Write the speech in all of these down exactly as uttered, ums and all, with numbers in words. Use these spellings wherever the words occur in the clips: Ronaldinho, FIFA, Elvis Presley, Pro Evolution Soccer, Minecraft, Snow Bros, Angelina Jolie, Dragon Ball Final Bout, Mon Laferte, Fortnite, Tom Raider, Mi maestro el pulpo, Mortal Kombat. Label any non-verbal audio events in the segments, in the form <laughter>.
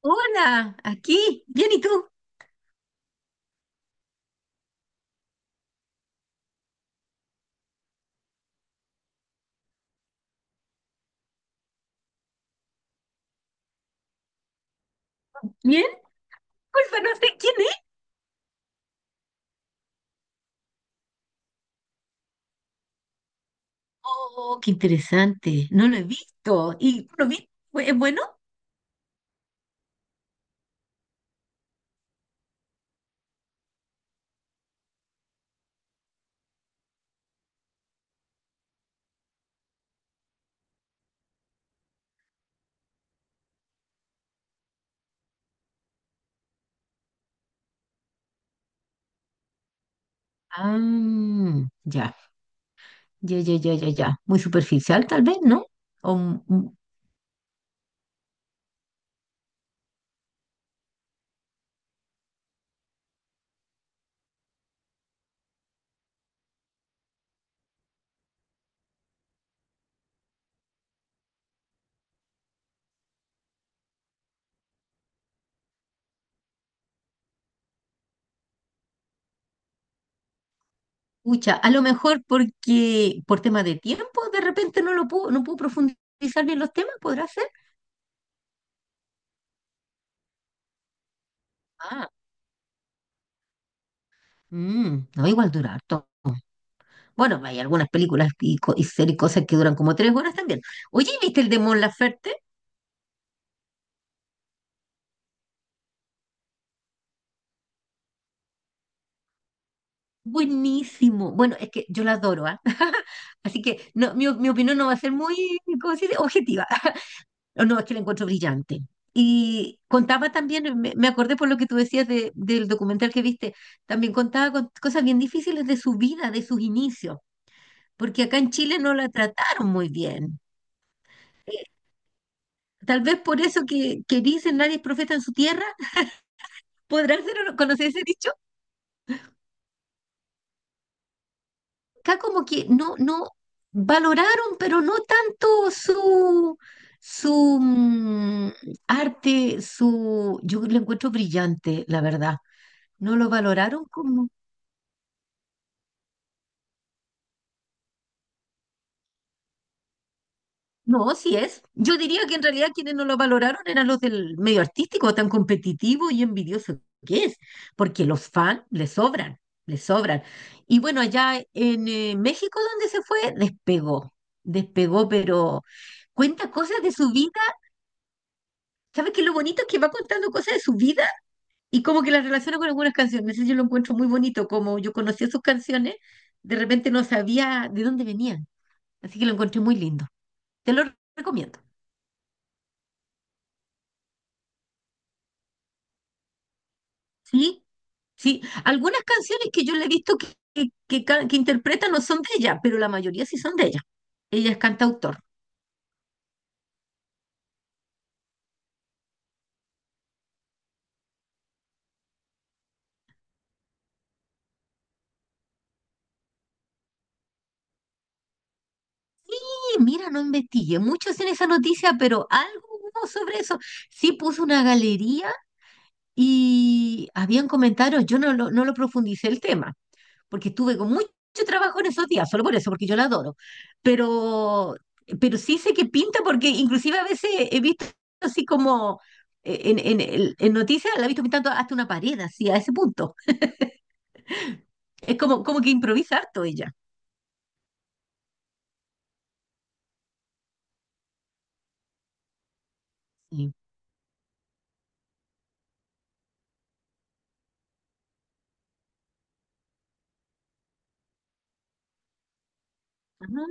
Hola, aquí. Bien, ¿y tú? ¿Bien? Culpa, no sé quién es. Oh, qué interesante. No lo he visto. ¿Y tú lo viste? ¿Fue- ¿Es bueno? Ah, ya, ya, ya, ya, ya, ya. Muy superficial, tal vez, ¿no? O, m- m- Pucha, a lo mejor porque por tema de tiempo, de repente no lo puedo, no puedo profundizar bien los temas, ¿podrá ser? Ah, mm, no, igual dura harto. Bueno, hay algunas películas y, co- y series, cosas que duran como tres horas también. Oye, ¿viste el de Mon Laferte? Buenísimo. Bueno, es que yo la adoro, ¿ah? <laughs> Así que no, mi, mi opinión no va a ser muy, ¿cómo se dice? Objetiva. <laughs> No, no, es que la encuentro brillante. Y contaba también, me, me acordé por lo que tú decías de- del documental que viste, también contaba con cosas bien difíciles de su vida, de sus inicios, porque acá en Chile no la trataron muy bien. Eh, Tal vez por eso que, que dicen nadie es profeta en su tierra. <laughs> ¿Podrá ser o no- conocer ese dicho? Acá como que no, no valoraron, pero no tanto su, su mm, arte. Su, yo lo encuentro brillante, la verdad. No lo valoraron como, no, sí es. Yo diría que en realidad quienes no lo valoraron eran los del medio artístico, tan competitivo y envidioso que es, porque los fans le sobran, le sobran. Y bueno, allá en eh, México, donde se fue, despegó, despegó, pero cuenta cosas de su vida. ¿Sabes qué? Lo bonito es que va contando cosas de su vida y como que las relaciona con algunas canciones. Eso yo lo encuentro muy bonito. Como yo conocía sus canciones, de repente no sabía de dónde venían. Así que lo encontré muy lindo. Te lo recomiendo. Sí, sí. Algunas canciones que yo le he visto que, que, que ca- que interpreta no son de ella, pero la mayoría sí son de ella. Ella es cantautor. Y mira, no investigué mucho en esa noticia, pero algo hubo sobre eso. Sí puso una galería y habían comentarios. Yo no lo, no lo profundicé el tema porque estuve con mucho trabajo en esos días, solo por eso, porque yo la adoro. Pero, pero sí sé que pinta, porque inclusive a veces he visto así como eh, en, en, el en noticias, la he visto pintando hasta una pared, así, a ese punto. Es como, como que improvisa harto ella. Sí. Ajá.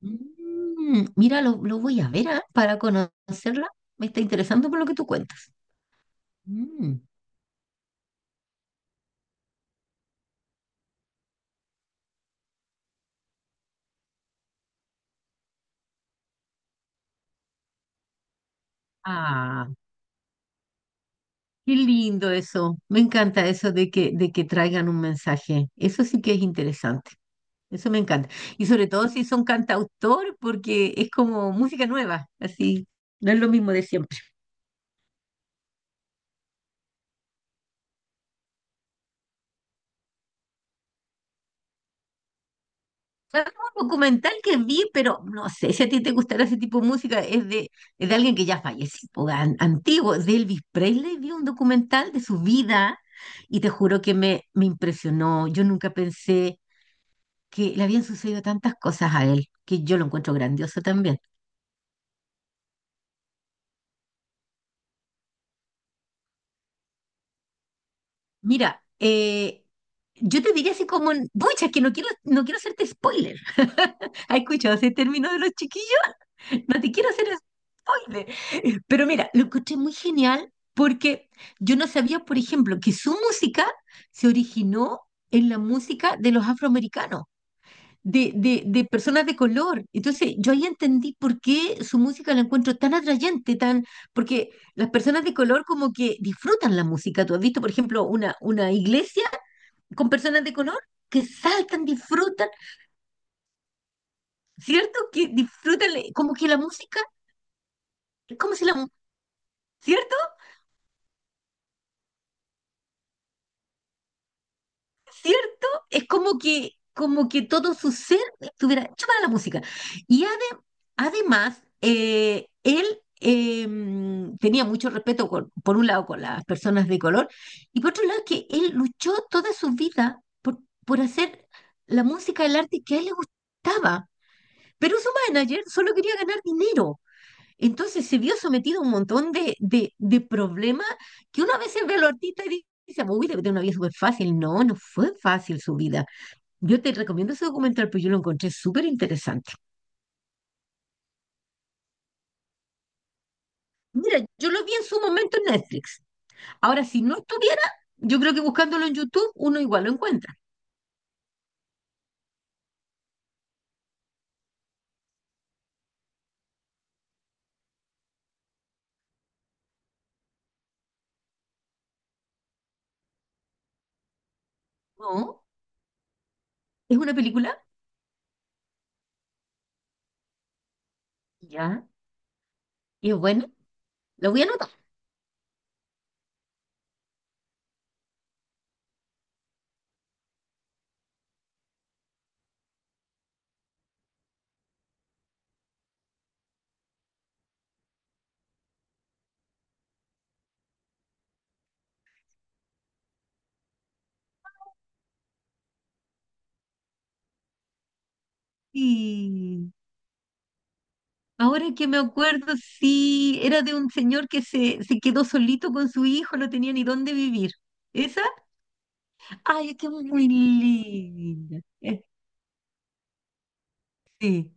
Mm, mira, lo, lo voy a ver, ah, para conocerla. Me está interesando por lo que tú cuentas. Mm. Ah, qué lindo eso. Me encanta eso de que, de que traigan un mensaje. Eso sí que es interesante. Eso me encanta. Y sobre todo si son cantautor, porque es como música nueva, así. No es lo mismo de siempre. Fue un documental que vi, pero no sé si a ti te gustará ese tipo de música. Es de, es de alguien que ya falleció, po, an- antiguo, es de Elvis Presley. Vi un documental de su vida y te juro que me, me impresionó. Yo nunca pensé que le habían sucedido tantas cosas a él, que yo lo encuentro grandioso también. Mira, eh, yo te diría así como, en- pucha, es que no quiero, no quiero hacerte spoiler. <laughs> ¿Has escuchado ese término de los chiquillos? No te quiero hacer spoiler. Pero mira, lo encontré muy genial porque yo no sabía, por ejemplo, que su música se originó en la música de los afroamericanos de, de, de personas de color. Entonces, yo ahí entendí por qué su música la encuentro tan atrayente, tan, porque las personas de color como que disfrutan la música. ¿Tú has visto, por ejemplo, una, una iglesia con personas de color? Que saltan, disfrutan, ¿cierto? Que disfrutan, le- como que la música, es como si la, mu- ¿cierto? ¿Cierto? Es como que, como que todo su ser estuviera hecho para la música. Y ade- además, eh, él eh, tenía mucho respeto, con- por un lado, con las personas de color, y por otro lado, que él luchó toda su vida por, por hacer la música, el arte que a él le gustaba. Pero su manager solo quería ganar dinero. Entonces se vio sometido a un montón de, de, de problemas que uno a veces ve a los artistas y dice, uy, debe tener una vida súper fácil. No, no fue fácil su vida. Yo te recomiendo ese documental, porque yo lo encontré súper interesante. Mira, yo lo vi en su momento en Netflix. Ahora, si no estuviera, yo creo que buscándolo en YouTube, uno igual lo encuentra. No, es una película, ya, y es buena. Lo voy a anotar. Sí. Ahora que me acuerdo, sí, era de un señor que se, se quedó solito con su hijo, no tenía ni dónde vivir. ¿Esa? Ay, es que es muy linda. Eh, Sí.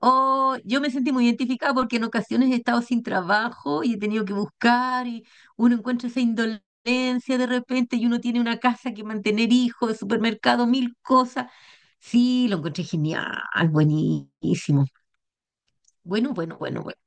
Oh, yo me sentí muy identificada porque en ocasiones he estado sin trabajo y he tenido que buscar, y uno encuentra esa indolencia de repente y uno tiene una casa que mantener, hijos, supermercado, mil cosas. Sí, lo encontré genial, buenísimo. Bueno, bueno, bueno, bueno.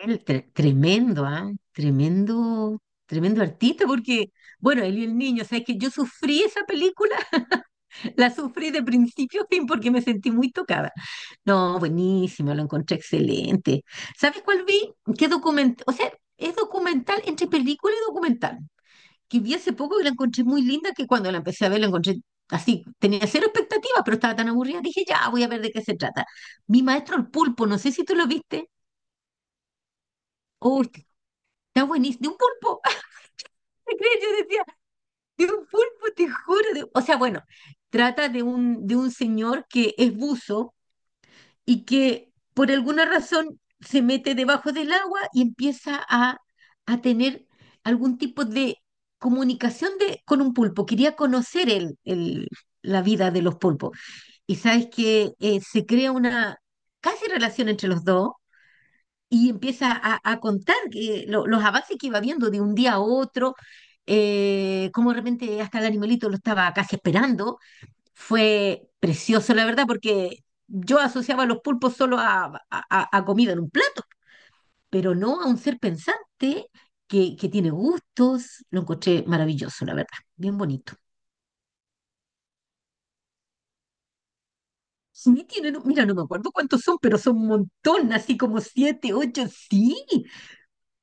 Él tre- tremendo, ¿ah? Tremendo, tremendo artista, porque, bueno, él y el niño, sabes que yo sufrí esa película, <laughs> la sufrí de principio a fin porque me sentí muy tocada. No, buenísimo, lo encontré excelente. ¿Sabes cuál vi? ¿Qué documental? O sea, es documental entre película y documental, que vi hace poco y la encontré muy linda, que cuando la empecé a ver la encontré así, tenía cero expectativas, pero estaba tan aburrida, dije, ya, voy a ver de qué se trata. Mi maestro el pulpo, no sé si tú lo viste. Oh, está buenísimo, de un pulpo. ¿Te crees? Yo decía, de un pulpo, te juro. de- O sea, bueno, trata de un, de un señor que es buzo y que por alguna razón se mete debajo del agua y empieza a, a tener algún tipo de comunicación de, con un pulpo. Quería conocer el, el- la vida de los pulpos. Y sabes que eh, se crea una casi relación entre los dos y empieza a, a contar que lo- los avances que iba viendo de un día a otro, eh, cómo de repente hasta el animalito lo estaba casi esperando. Fue precioso, la verdad, porque yo asociaba los pulpos solo a, a- a- a comida en un plato, pero no a un ser pensante que, que tiene gustos. Lo encontré maravilloso, la verdad, bien bonito. Sí, tienen, mira, no me acuerdo cuántos son, pero son un montón, así como siete, ocho, sí.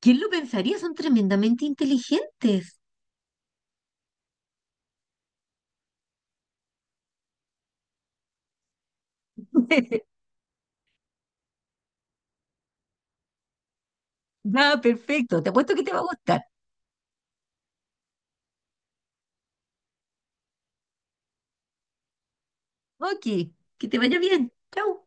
¿Quién lo pensaría? Son tremendamente inteligentes. <laughs> Ya, perfecto. Te apuesto que te va a gustar. Ok, que te vaya bien. Chau.